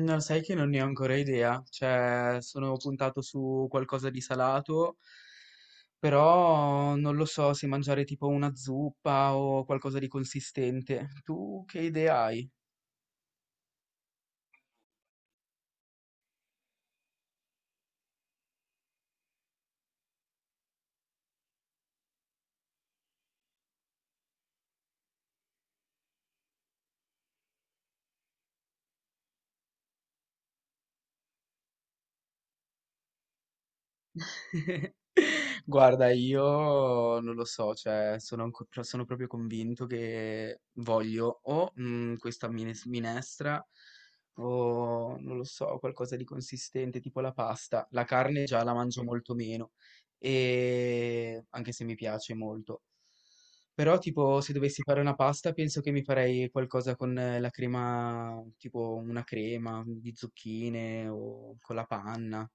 No, sai che non ne ho ancora idea, cioè sono puntato su qualcosa di salato, però non lo so se mangiare tipo una zuppa o qualcosa di consistente. Tu che idea hai? Guarda, io non lo so, cioè sono, proprio convinto che voglio o questa minestra o non lo so, qualcosa di consistente tipo la pasta. La carne già la mangio molto meno, anche se mi piace molto. Però tipo se dovessi fare una pasta penso che mi farei qualcosa con la crema, tipo una crema di zucchine o con la panna.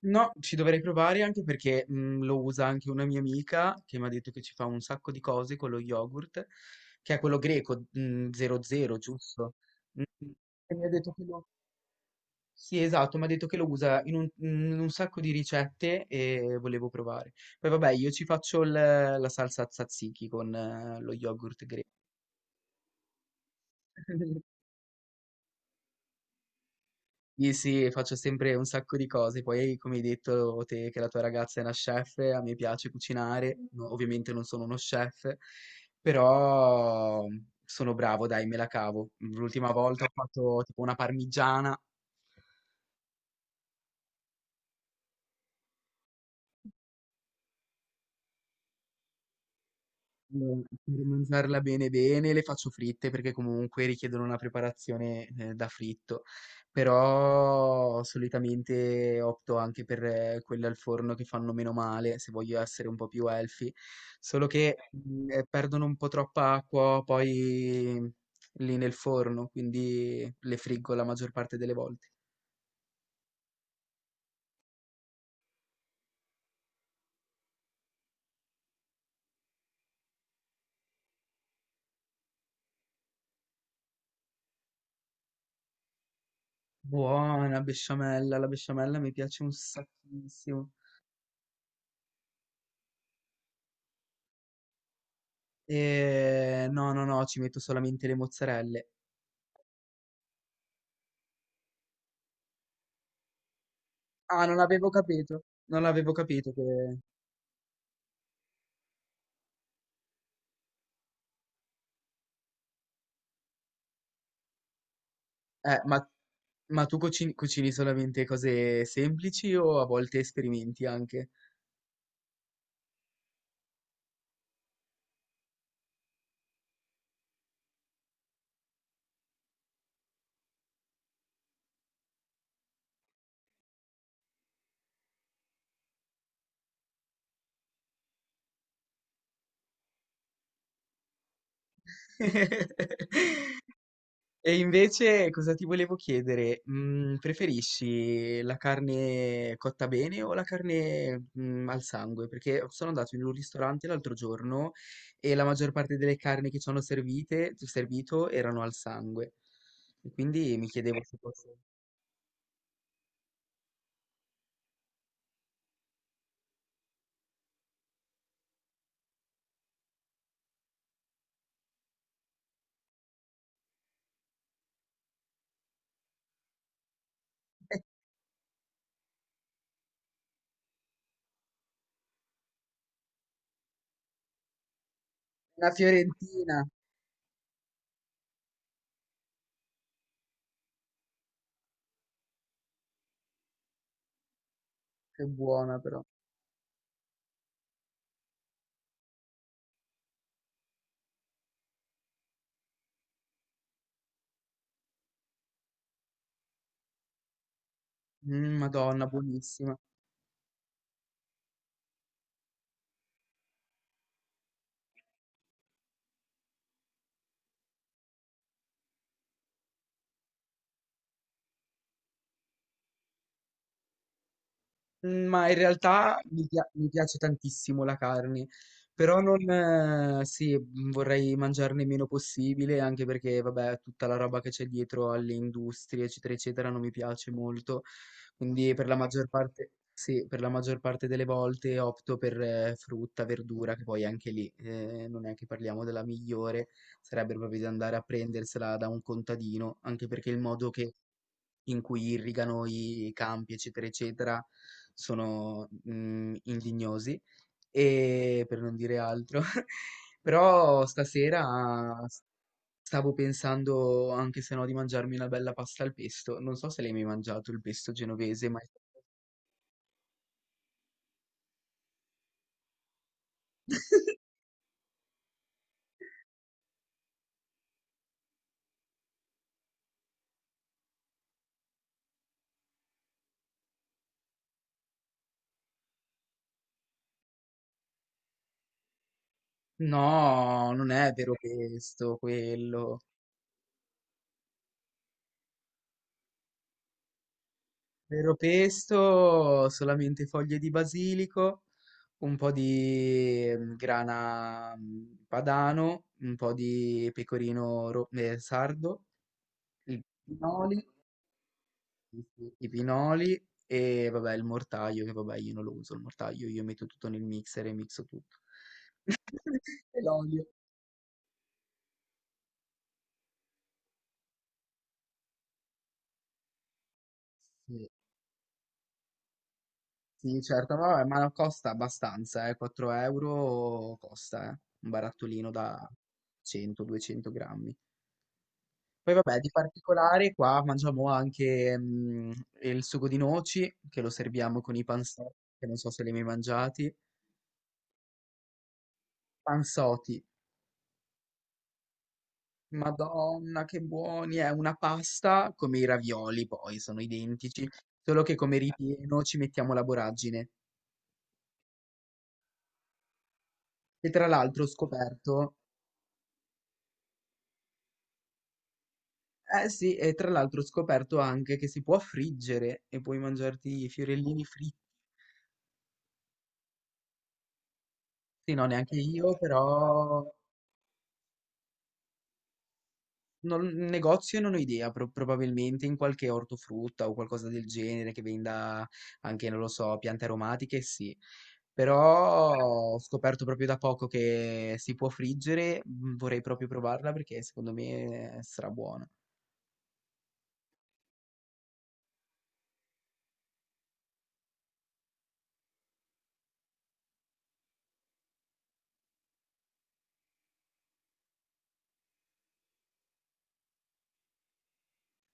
No, ci dovrei provare anche perché, lo usa anche una mia amica che m'ha detto che ci fa un sacco di cose con lo yogurt, che è quello greco, 00, giusto? Mh. E mi ha detto che lo Sì, esatto, m'ha detto che lo usa in un sacco di ricette e volevo provare. Poi vabbè, io ci faccio il la salsa tzatziki con lo yogurt greco. Sì, sì, faccio sempre un sacco di cose. Poi, come hai detto te, che la tua ragazza è una chef, a me piace cucinare. No, ovviamente non sono uno chef, però sono bravo, dai, me la cavo. L'ultima volta ho fatto tipo una parmigiana. Allora, per mangiarla bene bene le faccio fritte perché comunque richiedono una preparazione da fritto, però solitamente opto anche per quelle al forno che fanno meno male se voglio essere un po' più healthy, solo che perdono un po' troppa acqua poi lì nel forno, quindi le friggo la maggior parte delle volte. Buona besciamella, la besciamella mi piace un sacchissimo. No, no, no, ci metto solamente le mozzarelle. Ah, non avevo capito. Non avevo capito che. Ma, tu cucini solamente cose semplici o a volte sperimenti anche? E invece cosa ti volevo chiedere? Preferisci la carne cotta bene o la carne, al sangue? Perché sono andato in un ristorante l'altro giorno e la maggior parte delle carni che ci hanno servito erano al sangue. E quindi mi chiedevo se fosse una fiorentina. Che buona però. Madonna, buonissima. Mhmm, ma in realtà mi piace tantissimo la carne, però non sì, vorrei mangiarne meno possibile, anche perché vabbè, tutta la roba che c'è dietro alle industrie, eccetera, eccetera, non mi piace molto. Quindi per la maggior parte sì, per la maggior parte delle volte opto per frutta, verdura, che poi anche lì, non è che parliamo della migliore, sarebbe proprio di andare a prendersela da un contadino, anche perché il modo che in cui irrigano i campi, eccetera, eccetera, sono indignosi, e per non dire altro. Però stasera stavo pensando anche se no di mangiarmi una bella pasta al pesto. Non so se l'hai mai mangiato il pesto genovese, ma. No, non è vero pesto quello. Vero pesto, solamente foglie di basilico, un po' di grana padano, un po' di pecorino sardo, i pinoli, i pinoli e vabbè il mortaio, che vabbè io non lo uso il mortaio, io metto tutto nel mixer e mixo tutto. E l'olio. Sì, sì, certo, ma, vabbè, costa abbastanza, 4 € costa, un barattolino da 100-200 grammi. Poi vabbè, di particolare qua mangiamo anche il sugo di noci, che lo serviamo con i panzotti, che non so se li hai mai mangiati. Panzotti, madonna che buoni, è una pasta come i ravioli poi, sono identici, solo che come ripieno ci mettiamo la voragine. E tra l'altro ho scoperto, eh sì, e tra l'altro ho scoperto anche che si può friggere e puoi mangiarti i fiorellini fritti. Sì, no, neanche io, però. Non, In negozio non ho idea, probabilmente in qualche ortofrutta o qualcosa del genere che venda anche, non lo so, piante aromatiche, sì. Però ho scoperto proprio da poco che si può friggere, vorrei proprio provarla perché secondo me sarà buona.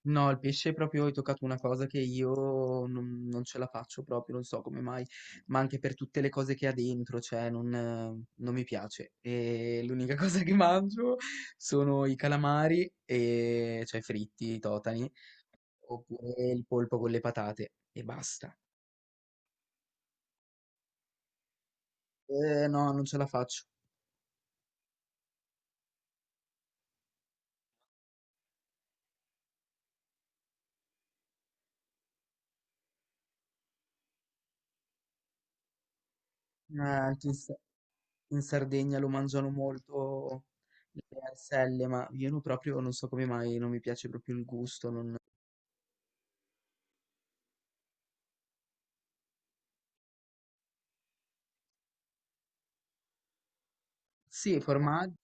No, il pesce proprio hai toccato una cosa che io non ce la faccio proprio, non so come mai, ma anche per tutte le cose che ha dentro, cioè non mi piace. E l'unica cosa che mangio sono i calamari, cioè fritti, i totani, oppure il polpo con le patate e basta. No, non ce la faccio. Anche in, Sardegna lo mangiano molto le arselle, ma io proprio non so come mai, non mi piace proprio il gusto. Sì, formaggi.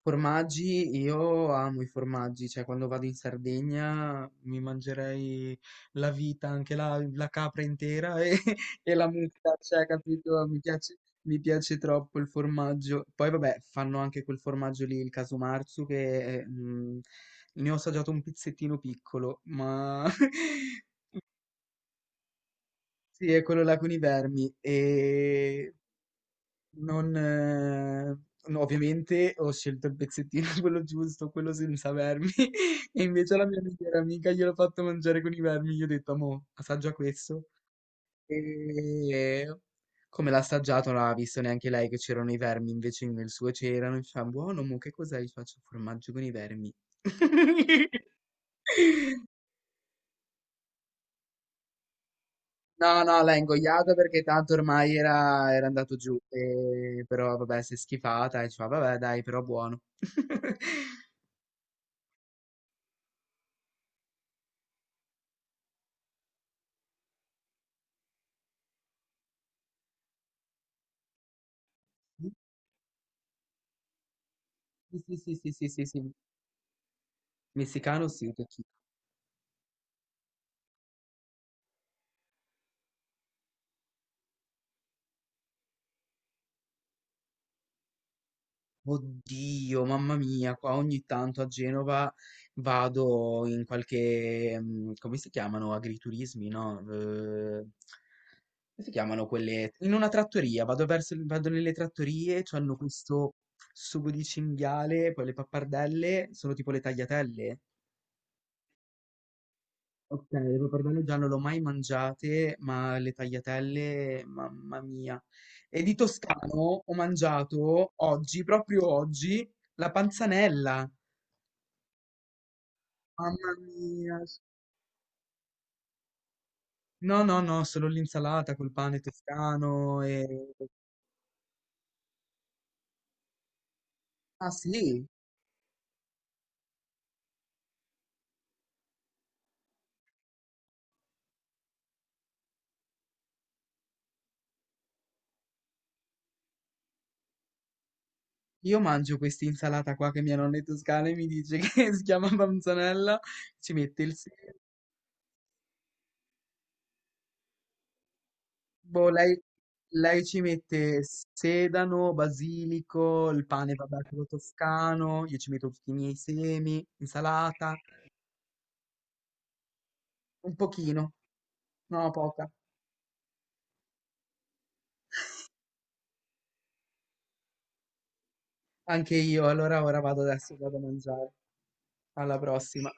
Formaggi, io amo i formaggi, cioè quando vado in Sardegna mi mangerei la vita, anche la capra intera e, e la mucca, cioè capito? Mi piace troppo il formaggio. Poi vabbè, fanno anche quel formaggio lì, il marzu che è, ne ho assaggiato un pizzettino piccolo, ma sì, è quello là con i vermi. E non, no, ovviamente ho scelto il pezzettino, quello giusto, quello senza vermi, e invece alla mia migliore amica gliel'ho fatto mangiare con i vermi. Gli ho detto, mo, assaggia questo. E come l'ha assaggiato, non ha visto neanche lei che c'erano i vermi, invece nel suo c'erano. E fa, buono, mo, che cos'è? Gli faccio formaggio con i vermi. No, no, l'ha ingoiato perché tanto ormai era andato giù, però vabbè, si è schifata e ci fa, vabbè, dai, però buono. Sì, sì, sì, sì, sì, sì, sì, messicano sì. Oddio, mamma mia, qua ogni tanto a Genova vado in qualche, come si chiamano, agriturismi, no? Come si chiamano quelle? In una trattoria, vado nelle trattorie, c'hanno questo sugo di cinghiale, poi le pappardelle, sono tipo le tagliatelle. Ok, le pappardelle già non le ho mai mangiate, ma le tagliatelle, mamma mia. E di toscano ho mangiato oggi, proprio oggi, la panzanella. Mamma mia. No, no, no, solo l'insalata col pane toscano e. Ah sì, io mangio questa insalata qua che mia nonna è toscana e mi dice che si chiama panzanella, ci mette il... se- Boh, lei ci mette sedano, basilico, il pane vabbè quello toscano, io ci metto tutti i miei semi, insalata, un pochino, no, poca, anche io, allora ora vado adesso, vado a mangiare, alla prossima.